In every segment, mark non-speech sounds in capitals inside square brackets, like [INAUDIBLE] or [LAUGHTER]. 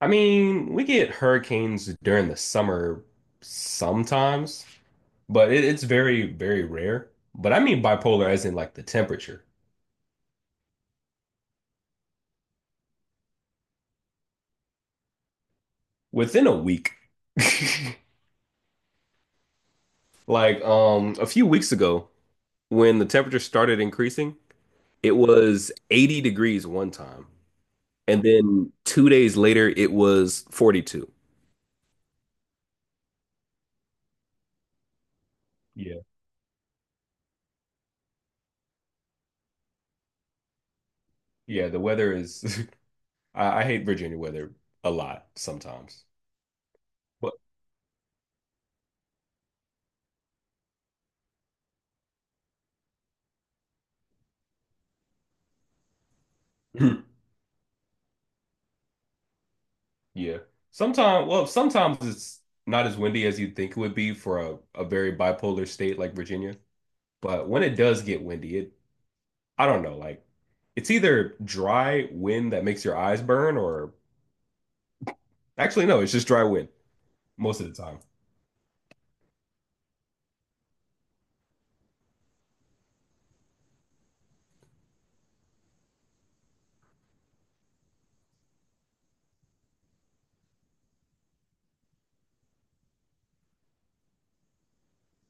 I mean, we get hurricanes during the summer sometimes, but it's very, very rare. But I mean bipolar as in like the temperature within a week. [LAUGHS] Like a few weeks ago when the temperature started increasing, it was 80 degrees one time. And then 2 days later it was 42. Yeah. Yeah, the weather is [LAUGHS] I hate Virginia weather a lot sometimes. But [CLEARS THROAT] yeah. Sometimes, well, sometimes it's not as windy as you'd think it would be for a very bipolar state like Virginia. But when it does get windy, I don't know, like it's either dry wind that makes your eyes burn or actually, no, it's just dry wind most of the time.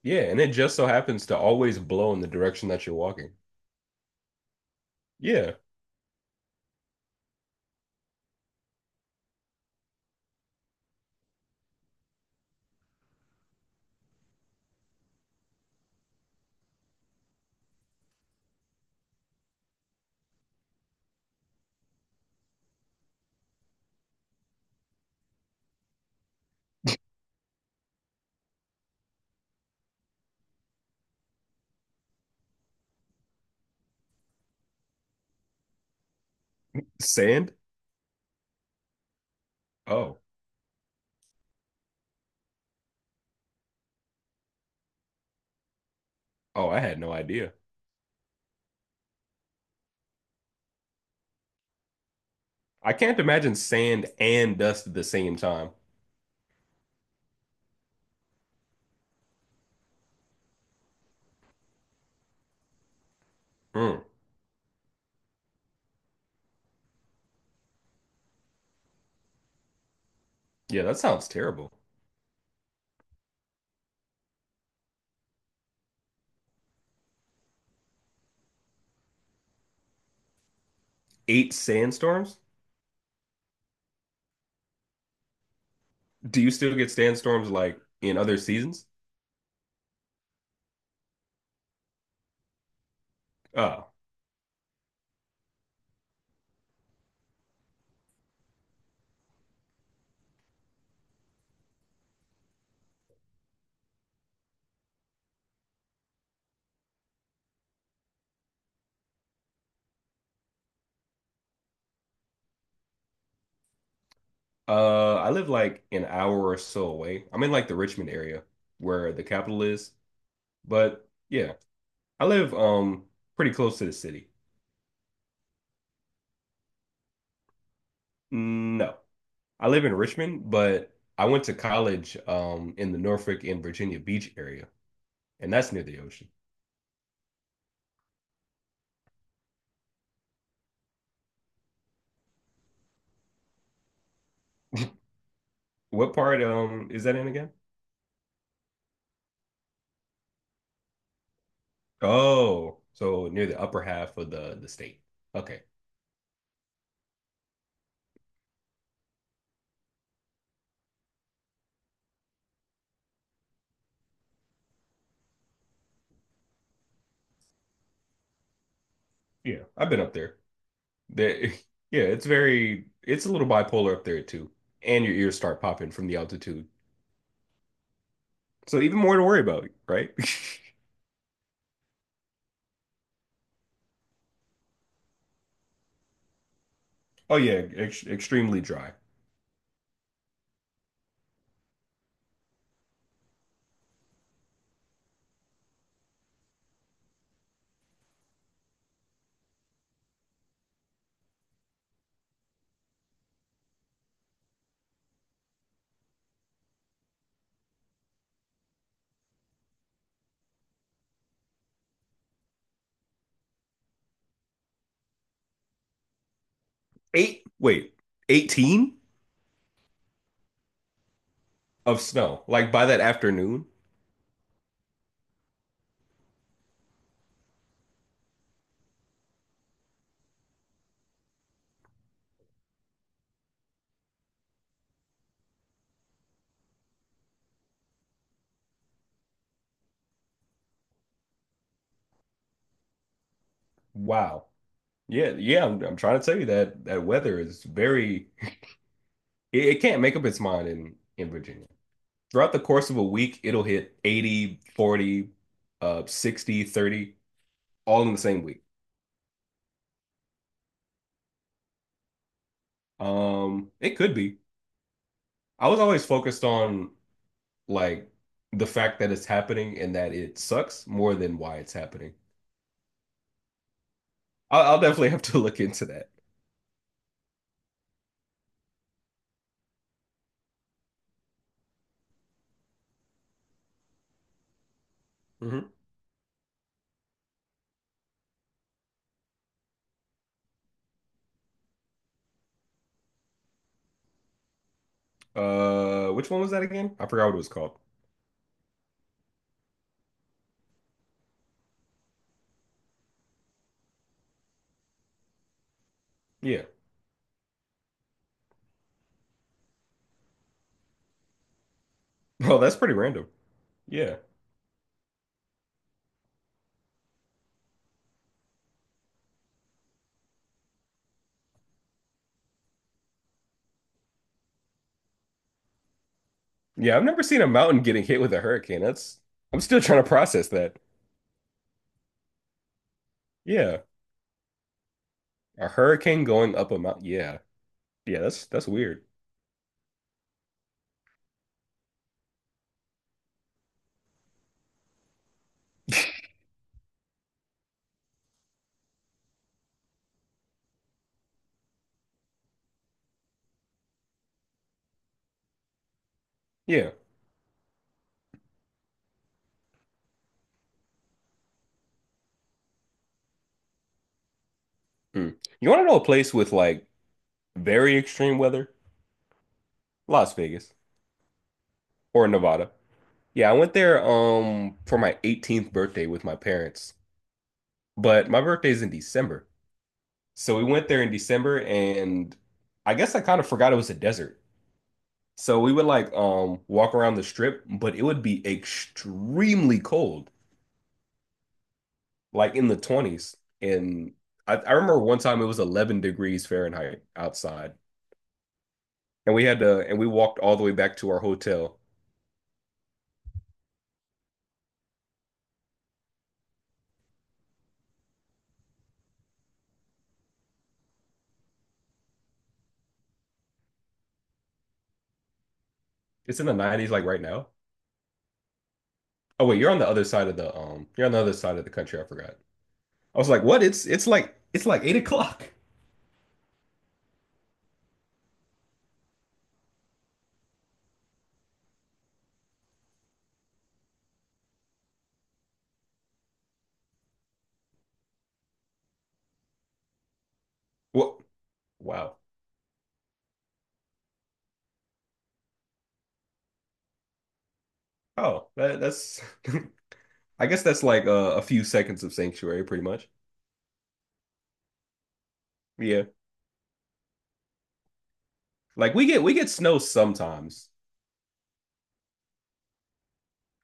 Yeah. And it just so happens to always blow in the direction that you're walking. Yeah. Sand? Oh, oh, I had no idea. I can't imagine sand and dust at the same time. Mm. Yeah, that sounds terrible. Eight sandstorms? Do you still get sandstorms like in other seasons? Oh, I live like an hour or so away. I'm in like the Richmond area where the capital is, but yeah, I live pretty close to the city. No, I live in Richmond, but I went to college in the Norfolk and Virginia Beach area, and that's near the ocean. What part is that in again? Oh, so near the upper half of the state. Okay, yeah, I've been up there. They, [LAUGHS] yeah, it's very, it's a little bipolar up there too. And your ears start popping from the altitude. So even more to worry about, right? [LAUGHS] Oh yeah, ex extremely dry. Eight, wait, 18 of snow. Like by that afternoon. Wow. Yeah, yeah, I'm trying to tell you that that weather is very, [LAUGHS] it can't make up its mind in Virginia. Throughout the course of a week, it'll hit 80, 40, 60, 30, all in the same week. It could be. I was always focused on like the fact that it's happening and that it sucks more than why it's happening. I'll definitely have to [LAUGHS] look into that. Hmm. Which one was that again? I forgot what it was called. Yeah. Oh, that's pretty random. Yeah. Yeah, I've never seen a mountain getting hit with a hurricane. That's I'm still trying to process that. Yeah. A hurricane going up a mountain. Yeah. Yeah, that's weird. [LAUGHS] Yeah. Hmm. You want to know a place with like very extreme weather? Las Vegas or Nevada. Yeah, I went there for my 18th birthday with my parents. But my birthday's in December. So we went there in December and I guess I kind of forgot it was a desert. So we would like walk around the strip, but it would be extremely cold, like in the 20s. And I remember one time it was 11 degrees Fahrenheit outside. And we walked all the way back to our hotel. It's in the 90s like right now. Oh wait, you're on the other side of the you're on the other side of the country, I forgot. I was like, what? It's like 8 o'clock. [LAUGHS] What? Wow. Oh, that's [LAUGHS] I guess that's like a few seconds of sanctuary, pretty much. Yeah. Like we get snow sometimes.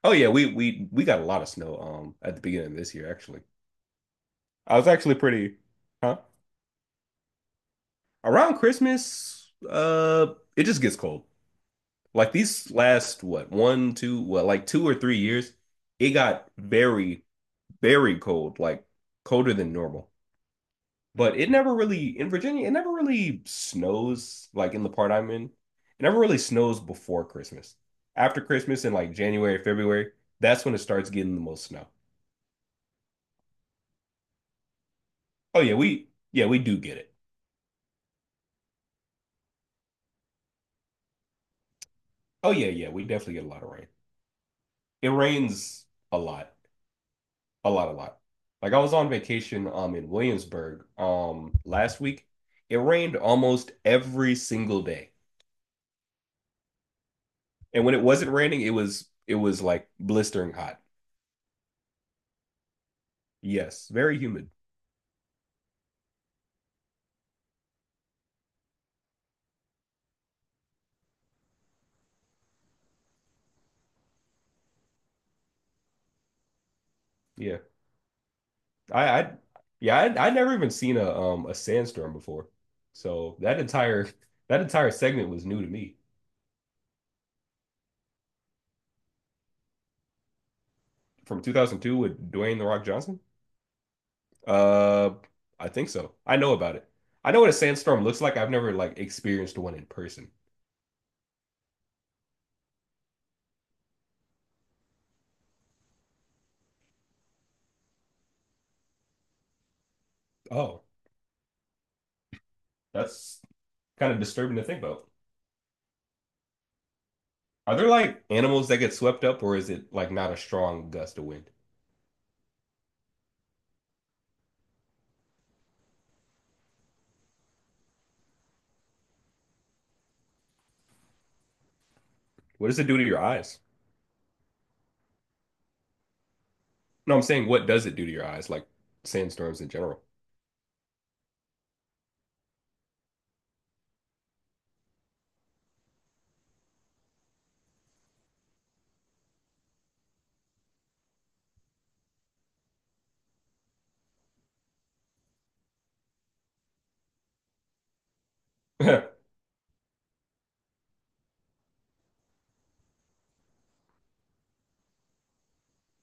Oh yeah, we got a lot of snow at the beginning of this year actually. I was actually pretty huh? Around Christmas, it just gets cold. Like these last what, one, two, well, like 2 or 3 years, it got very, very cold, like colder than normal. But it never really in Virginia, it never really snows like in the part I'm in. It never really snows before Christmas. After Christmas in like January, February, that's when it starts getting the most snow. Oh yeah, we do get it. Oh yeah, yeah, we definitely get a lot of rain. It rains a lot, a lot, a lot. Like I was on vacation in Williamsburg last week. It rained almost every single day. And when it wasn't raining, it was like blistering hot. Yes, very humid. Yeah. I yeah, I'd never even seen a sandstorm before. So that entire segment was new to me. From 2002 with Dwayne The Rock Johnson? Uh, I think so. I know about it. I know what a sandstorm looks like. I've never like experienced one in person. Oh, that's kind of disturbing to think about. Are there like animals that get swept up or is it like not a strong gust of wind? What does it do to your eyes? No, I'm saying what does it do to your eyes, like sandstorms in general? [LAUGHS]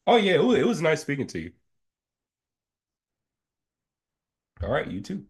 Oh yeah, it was nice speaking to you. All right, you too.